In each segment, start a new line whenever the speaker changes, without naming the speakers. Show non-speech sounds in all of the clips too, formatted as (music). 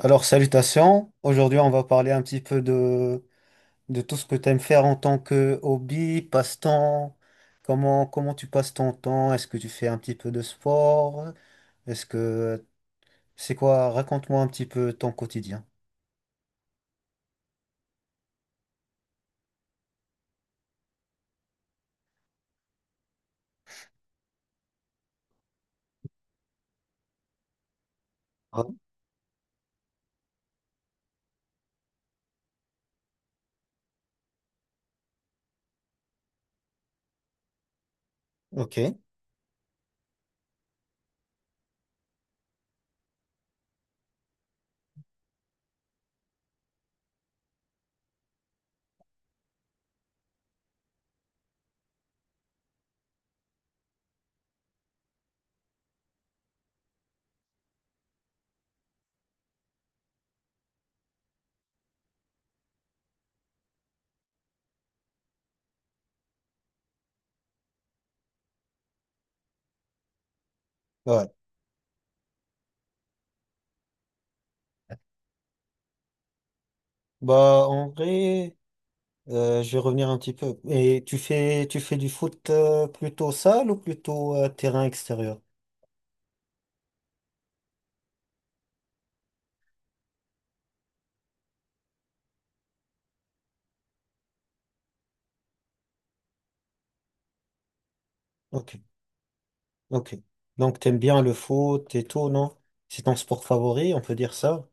Alors, salutations. Aujourd'hui, on va parler un petit peu de tout ce que tu aimes faire en tant que hobby, passe-temps. Comment tu passes ton temps? Est-ce que tu fais un petit peu de sport? Est-ce que c'est quoi? Raconte-moi un petit peu ton quotidien. Ah, ok, ouais. Bah, en vrai, je vais revenir un petit peu. Et tu fais du foot plutôt salle ou plutôt terrain extérieur? Ok, ok. Donc, t'aimes bien le foot et tout, non? C'est ton sport favori, on peut dire ça?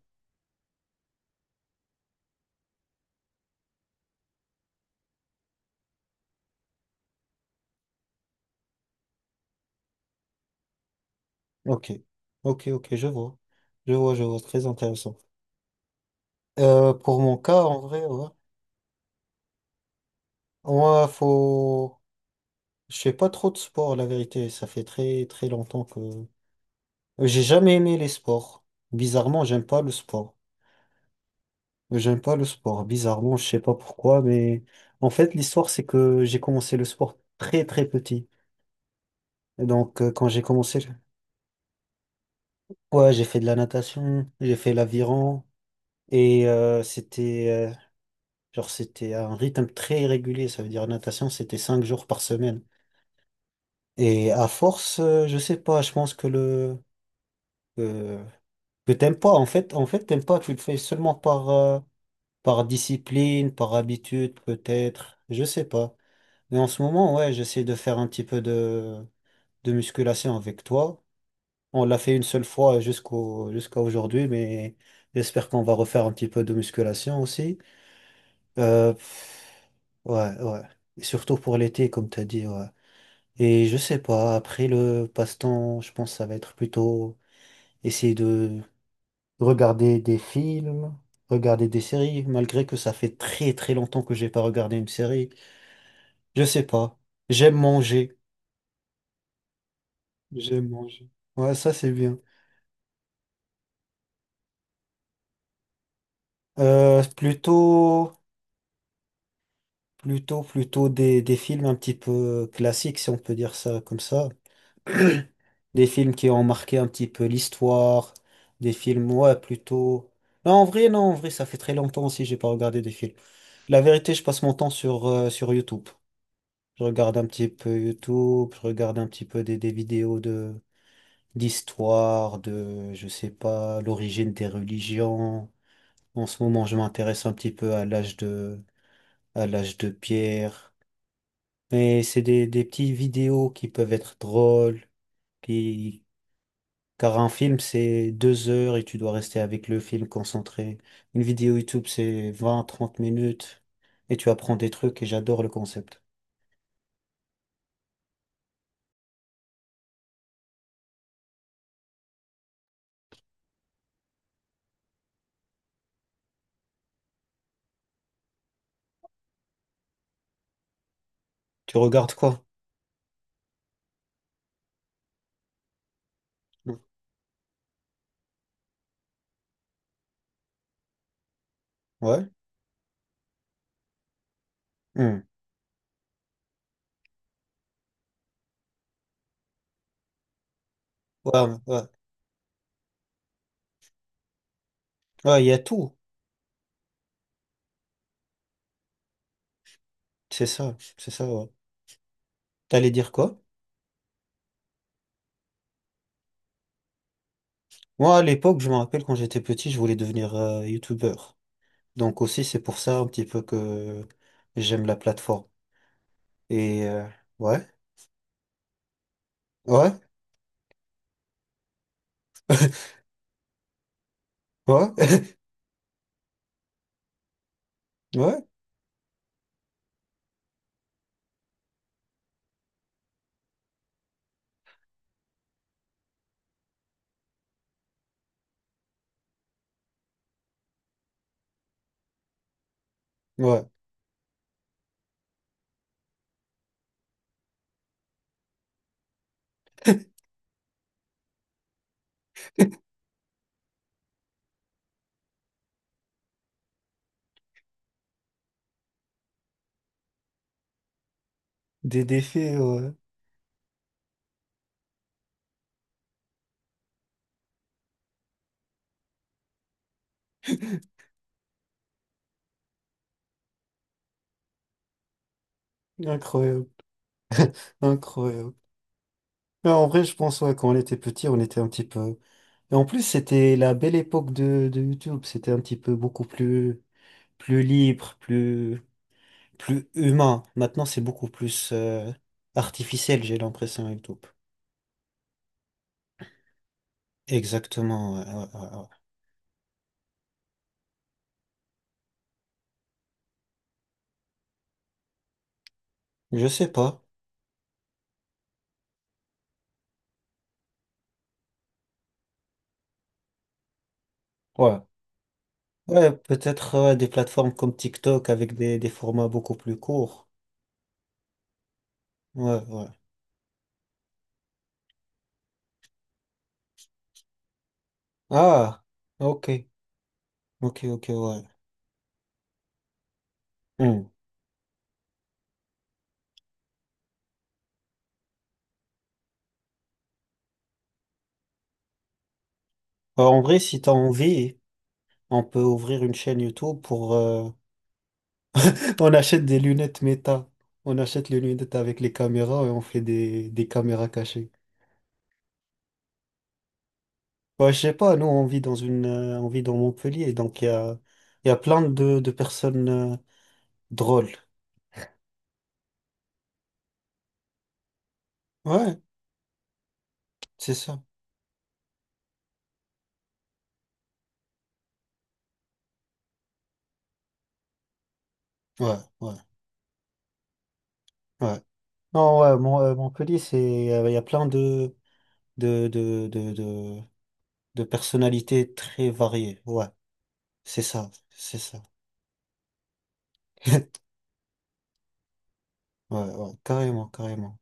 Ok, ok, ok, je vois. Je vois, je vois, très intéressant. Pour mon cas, en vrai, ouais, moi, faut... Je fais pas trop de sport, la vérité. Ça fait très, très longtemps que... J'ai jamais aimé les sports. Bizarrement, j'aime pas le sport. J'aime pas le sport. Bizarrement, je sais pas pourquoi, mais... En fait, l'histoire, c'est que j'ai commencé le sport très, très petit. Et donc, quand j'ai commencé... Ouais, j'ai fait de la natation, j'ai fait l'aviron, et euh, c'était... Genre, c'était un rythme très régulier. Ça veut dire natation, c'était 5 jours par semaine. Et à force, je sais pas, je pense que que, que t'aimes pas. En fait, t'aimes pas. Tu le fais seulement par par discipline, par habitude, peut-être. Je sais pas. Mais en ce moment, ouais, j'essaie de faire un petit peu de musculation avec toi. On l'a fait une seule fois jusqu'à aujourd'hui, mais j'espère qu'on va refaire un petit peu de musculation aussi. Euh, ouais, ouais. Et surtout pour l'été, comme t'as dit, ouais. Et je sais pas, après le passe-temps, je pense que ça va être plutôt essayer de regarder des films, regarder des séries, malgré que ça fait très très longtemps que j'ai pas regardé une série. Je sais pas. J'aime manger. J'aime manger. Ouais, ça c'est bien. Euh, plutôt, plutôt des films un petit peu classiques, si on peut dire ça comme ça. Des films qui ont marqué un petit peu l'histoire. Des films, ouais, plutôt. Non, en vrai, non, en vrai, ça fait très longtemps aussi que j'ai pas regardé des films. La vérité, je passe mon temps sur YouTube. Je regarde un petit peu YouTube, je regarde un petit peu des vidéos de d'histoire, de, je sais pas, l'origine des religions. En ce moment, je m'intéresse un petit peu à l'âge de Pierre. Mais c'est des petites vidéos qui peuvent être drôles, qui, car un film, c'est 2 heures et tu dois rester avec le film concentré. Une vidéo YouTube, c'est 20 à 30 minutes et tu apprends des trucs et j'adore le concept. Tu regardes quoi? Mm. Ouais. Mm. Ouais, ouais. Ouais, il y a tout. C'est ça, ouais. T'allais dire quoi? Moi, à l'époque, je me rappelle quand j'étais petit, je voulais devenir youtubeur. Donc aussi, c'est pour ça un petit peu que j'aime la plateforme. Et ouais, ouais, ouais, (laughs) ouais, ouais. Des défis, ouais. (laughs) Incroyable, incroyable. Mais en vrai, je pense, ouais, quand on était petit, on était un petit peu. Et en plus, c'était la belle époque de YouTube. C'était un petit peu beaucoup plus, plus libre, plus. Plus humain. Maintenant, c'est beaucoup plus artificiel, j'ai l'impression et tout. Exactement. Ouais, ouais, ouais, ouais. Je sais pas. Ouais. Ouais, peut-être ouais, des plateformes comme TikTok avec des formats beaucoup plus courts. Ouais, ouais. Ah, ok. Ok, ok, ouais. Hmm. Alors, en vrai, si t'as envie, on peut ouvrir une chaîne YouTube pour... (laughs) on achète des lunettes méta. On achète les lunettes avec les caméras et on fait des caméras cachées. Ouais, je sais pas, nous on vit dans une on vit dans Montpellier, donc il y a plein de, personnes drôles. Ouais, c'est ça. Ouais, ouais, ouais. Non, ouais, Montpellier, c'est il y a plein de, de, de, de, de personnalités très variées. Ouais, c'est ça, c'est ça. (laughs) Ouais, ouais, carrément, carrément.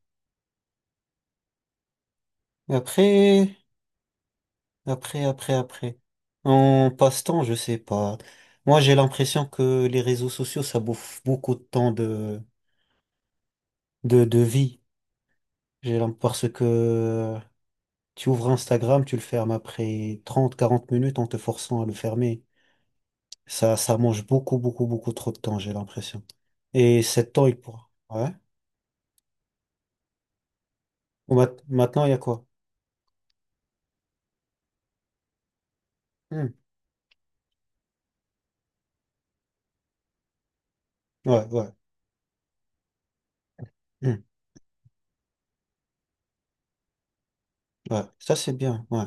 Et après. En passe-temps, je sais pas. Moi, j'ai l'impression que les réseaux sociaux, ça bouffe beaucoup de temps de vie. Parce que tu ouvres Instagram, tu le fermes après 30 à 40 minutes en te forçant à le fermer. Ça mange beaucoup, beaucoup, beaucoup trop de temps, j'ai l'impression. Et cet temps, il pourra. Ouais. Maintenant, il y a quoi? Hmm. Ouais, ouais. Hmm. Ouais. Ça, c'est bien. Ouais.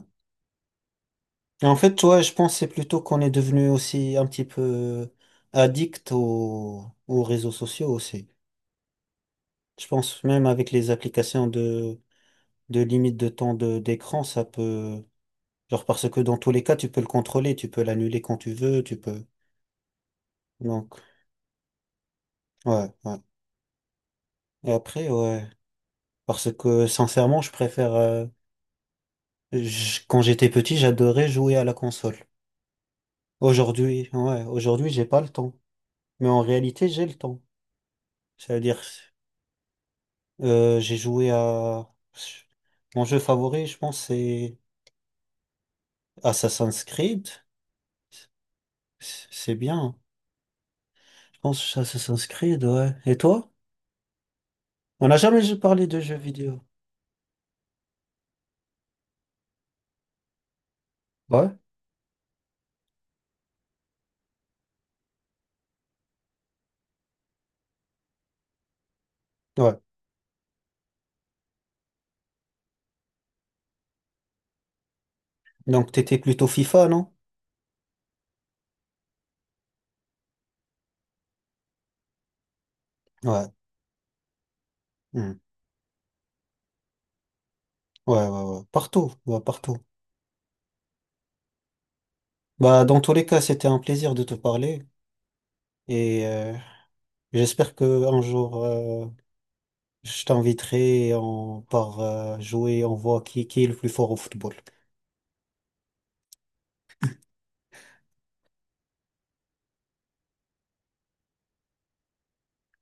Et en fait, toi, je pense que c'est plutôt qu'on est devenu aussi un petit peu addict aux réseaux sociaux aussi. Je pense même avec les applications de limite de temps d'écran, ça peut. Genre parce que dans tous les cas, tu peux le contrôler, tu peux l'annuler quand tu veux, tu peux. Donc, ouais, ouais. Et après, ouais. Parce que sincèrement, je préfère. Quand j'étais petit, j'adorais jouer à la console. Aujourd'hui, ouais, aujourd'hui, j'ai pas le temps. Mais en réalité, j'ai le temps. C'est à dire, j'ai joué à. Mon jeu favori, je pense, c'est Assassin's Creed. C'est bien, hein. Je pense Assassin's Creed, ouais. Et toi? On n'a jamais parlé de jeux vidéo. Ouais. Ouais. Donc, t'étais plutôt FIFA, non? Ouais. Hmm. Ouais, ouais, ouais. Partout, ouais, partout. Bah, dans tous les cas, c'était un plaisir de te parler et j'espère que un jour je t'inviterai et on part jouer, on voit qui est le plus fort au football.